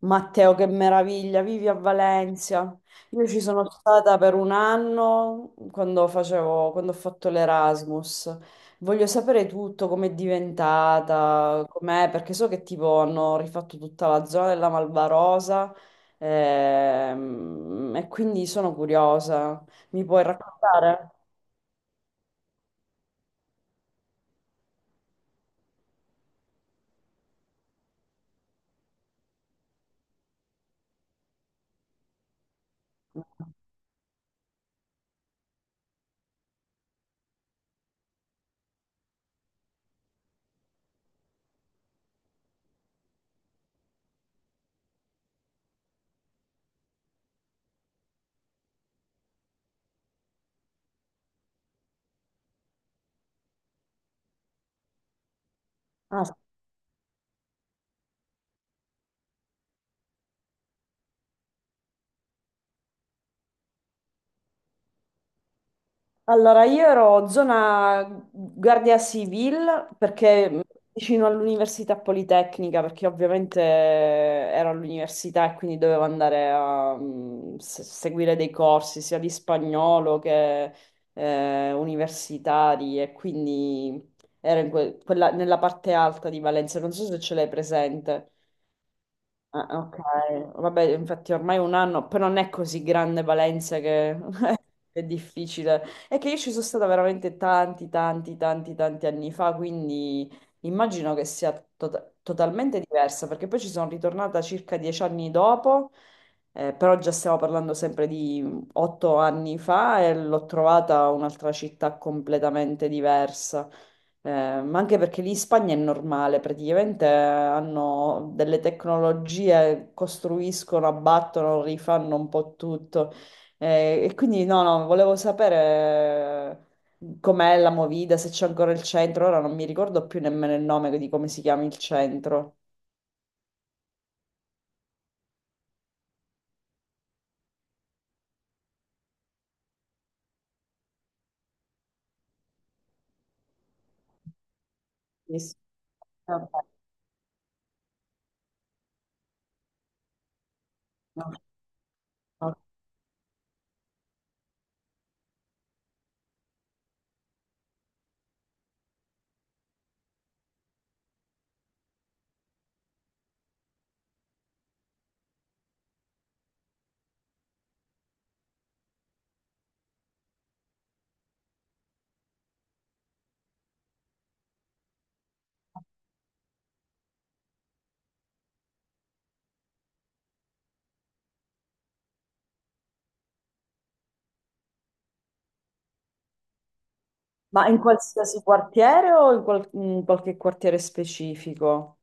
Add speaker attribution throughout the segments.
Speaker 1: Matteo, che meraviglia, vivi a Valencia. Io ci sono stata per un anno quando quando ho fatto l'Erasmus. Voglio sapere tutto, com'è diventata, com'è, perché so che tipo hanno rifatto tutta la zona della Malvarosa, e quindi sono curiosa. Mi puoi raccontare? Ah, allora, io ero zona Guardia Civil perché vicino all'Università Politecnica, perché ovviamente ero all'università e quindi dovevo andare a seguire dei corsi sia di spagnolo che universitari e quindi ero nella parte alta di Valencia, non so se ce l'hai presente. Ah, ok, vabbè, infatti ormai un anno, però non è così grande Valencia che è difficile. È che io ci sono stata veramente tanti, tanti, tanti, tanti anni fa, quindi immagino che sia totalmente diversa, perché poi ci sono ritornata circa 10 anni dopo, però già stiamo parlando sempre di 8 anni fa e l'ho trovata un'altra città completamente diversa. Eh, ma anche perché lì in Spagna è normale, praticamente hanno delle tecnologie, costruiscono, abbattono, rifanno un po' tutto. E quindi no, no, volevo sapere com'è la Movida, se c'è ancora il centro. Ora non mi ricordo più nemmeno il nome di come si chiama il centro. Sì, sì. Vabbè, no, no. Ma in qualsiasi quartiere o in qualche quartiere specifico?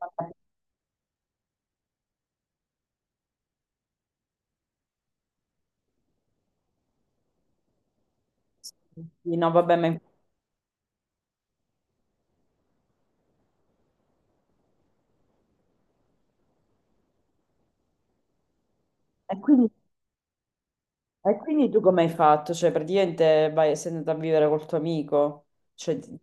Speaker 1: Vabbè, sì. No, vabbè, ma... E quindi E quindi tu come hai fatto? Cioè, praticamente vai, sei andata a vivere col tuo amico? Cioè,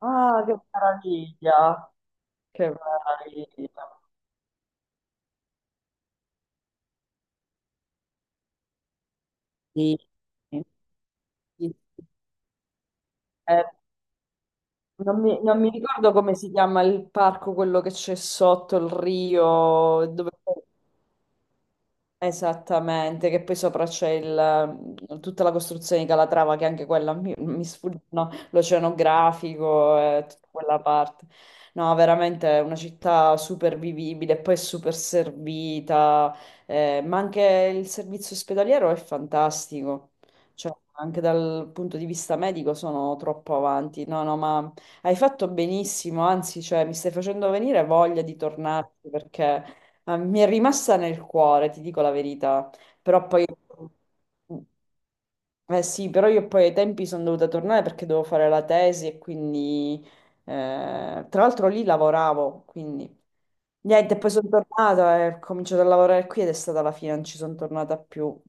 Speaker 1: ah, che meraviglia! Che meraviglia! Sì, sì, sì. Eh, non mi ricordo come si chiama il parco, quello che c'è sotto il rio, dove esattamente, che poi sopra c'è il, tutta la costruzione di Calatrava, che anche mi sfuggono, l'oceanografico, tutta quella parte. No, veramente è una città super vivibile, poi è super servita, ma anche il servizio ospedaliero è fantastico, cioè anche dal punto di vista medico sono troppo avanti. No, no, ma hai fatto benissimo, anzi, cioè, mi stai facendo venire voglia di tornarci perché... Ah, mi è rimasta nel cuore, ti dico la verità, però poi... Eh sì, però io poi ai tempi sono dovuta tornare perché dovevo fare la tesi e quindi... Eh, tra l'altro lì lavoravo, quindi... Niente, poi sono tornata e ho cominciato a lavorare qui ed è stata la fine, non ci sono tornata più.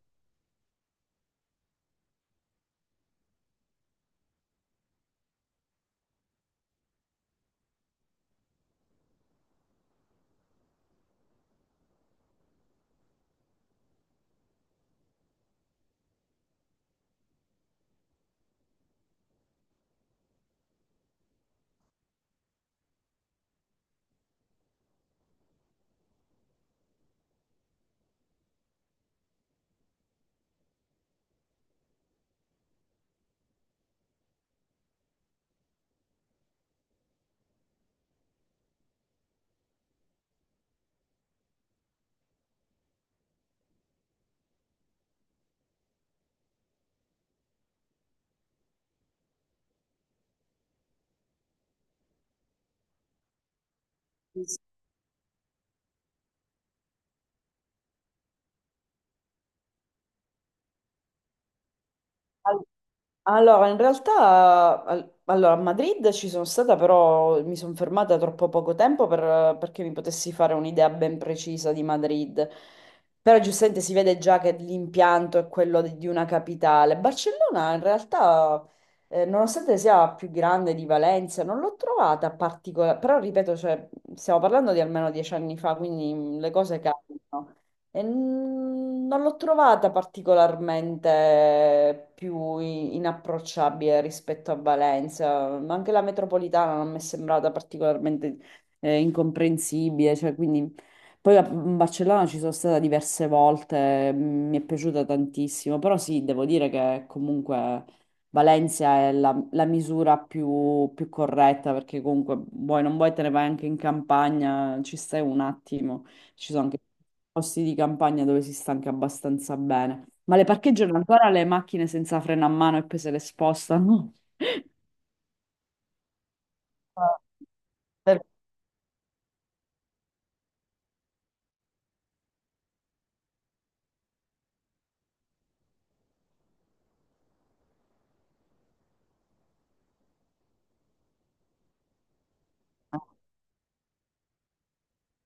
Speaker 1: Allora, in realtà, allora, a Madrid ci sono stata, però mi sono fermata troppo poco tempo perché mi potessi fare un'idea ben precisa di Madrid. Però giustamente si vede già che l'impianto è quello di una capitale. Barcellona, in realtà, nonostante sia più grande di Valencia, non l'ho trovata particolare. Però, ripeto, cioè, stiamo parlando di almeno 10 anni fa, quindi le cose cambiano. Non l'ho trovata particolarmente più inapprocciabile rispetto a Valencia, ma anche la metropolitana non mi è sembrata particolarmente incomprensibile, cioè, quindi... Poi a Barcellona ci sono stata diverse volte, mm, mi è piaciuta tantissimo, però sì, devo dire che comunque Valencia è la, la misura più, più corretta, perché comunque vuoi non vuoi te ne vai anche in campagna, ci stai un attimo, ci sono anche posti di campagna dove si sta anche abbastanza bene. Ma le parcheggiano ancora le macchine senza freno a mano e poi se le spostano? Ah, per-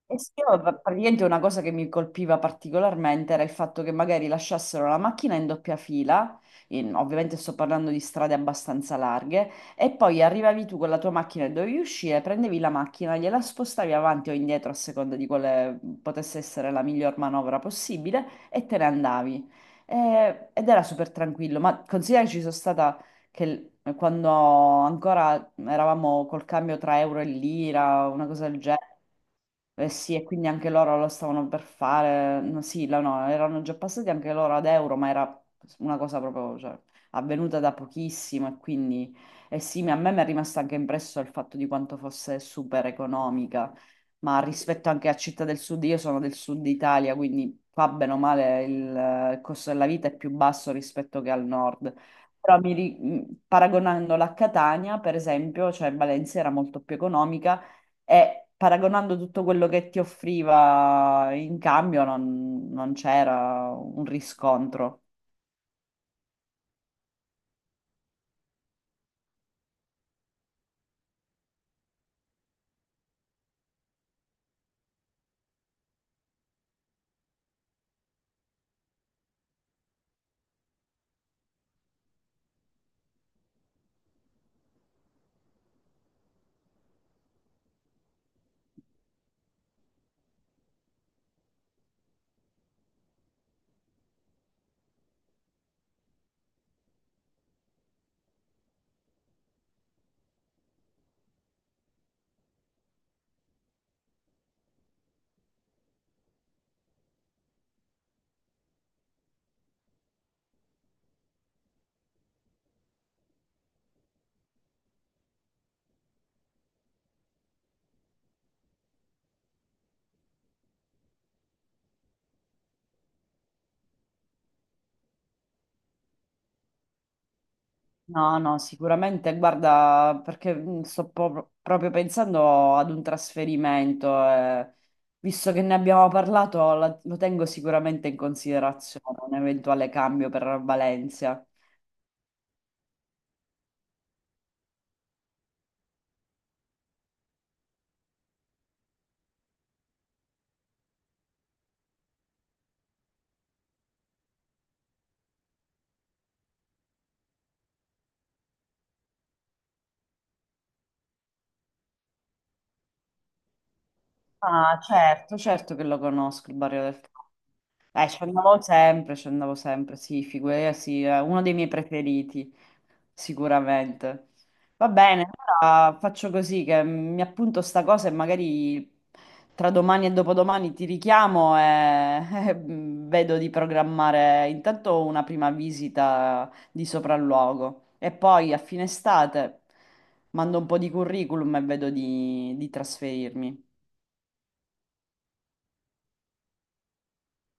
Speaker 1: e sì, io, praticamente una cosa che mi colpiva particolarmente era il fatto che magari lasciassero la macchina in doppia fila, ovviamente sto parlando di strade abbastanza larghe, e poi arrivavi tu con la tua macchina e dovevi uscire, prendevi la macchina, gliela spostavi avanti o indietro a seconda di quale potesse essere la miglior manovra possibile e te ne andavi. Ed era super tranquillo, ma considera che ci sono stata quando ancora eravamo col cambio tra euro e lira, una cosa del genere. Eh sì, e quindi anche loro lo stavano per fare, no, sì, no, erano già passati anche loro ad euro, ma era una cosa proprio, cioè, avvenuta da pochissimo e quindi, eh sì, a me mi è rimasto anche impresso il fatto di quanto fosse super economica, ma rispetto anche a Città del Sud, io sono del Sud Italia, quindi qua bene o male il costo della vita è più basso rispetto che al Nord. Però paragonandola a Catania, per esempio, cioè Valencia era molto più economica, e paragonando tutto quello che ti offriva in cambio, non c'era un riscontro. No, no, sicuramente, guarda, perché sto proprio pensando ad un trasferimento, visto che ne abbiamo parlato, lo tengo sicuramente in considerazione, un eventuale cambio per Valencia. Ah, certo, certo che lo conosco, il barrio del. Ci andavo sempre, sì, figurati, sì, è uno dei miei preferiti, sicuramente. Va bene, allora faccio così che mi appunto sta cosa e magari tra domani e dopodomani ti richiamo e, e vedo di programmare intanto una prima visita di sopralluogo e poi a fine estate mando un po' di curriculum e vedo di trasferirmi.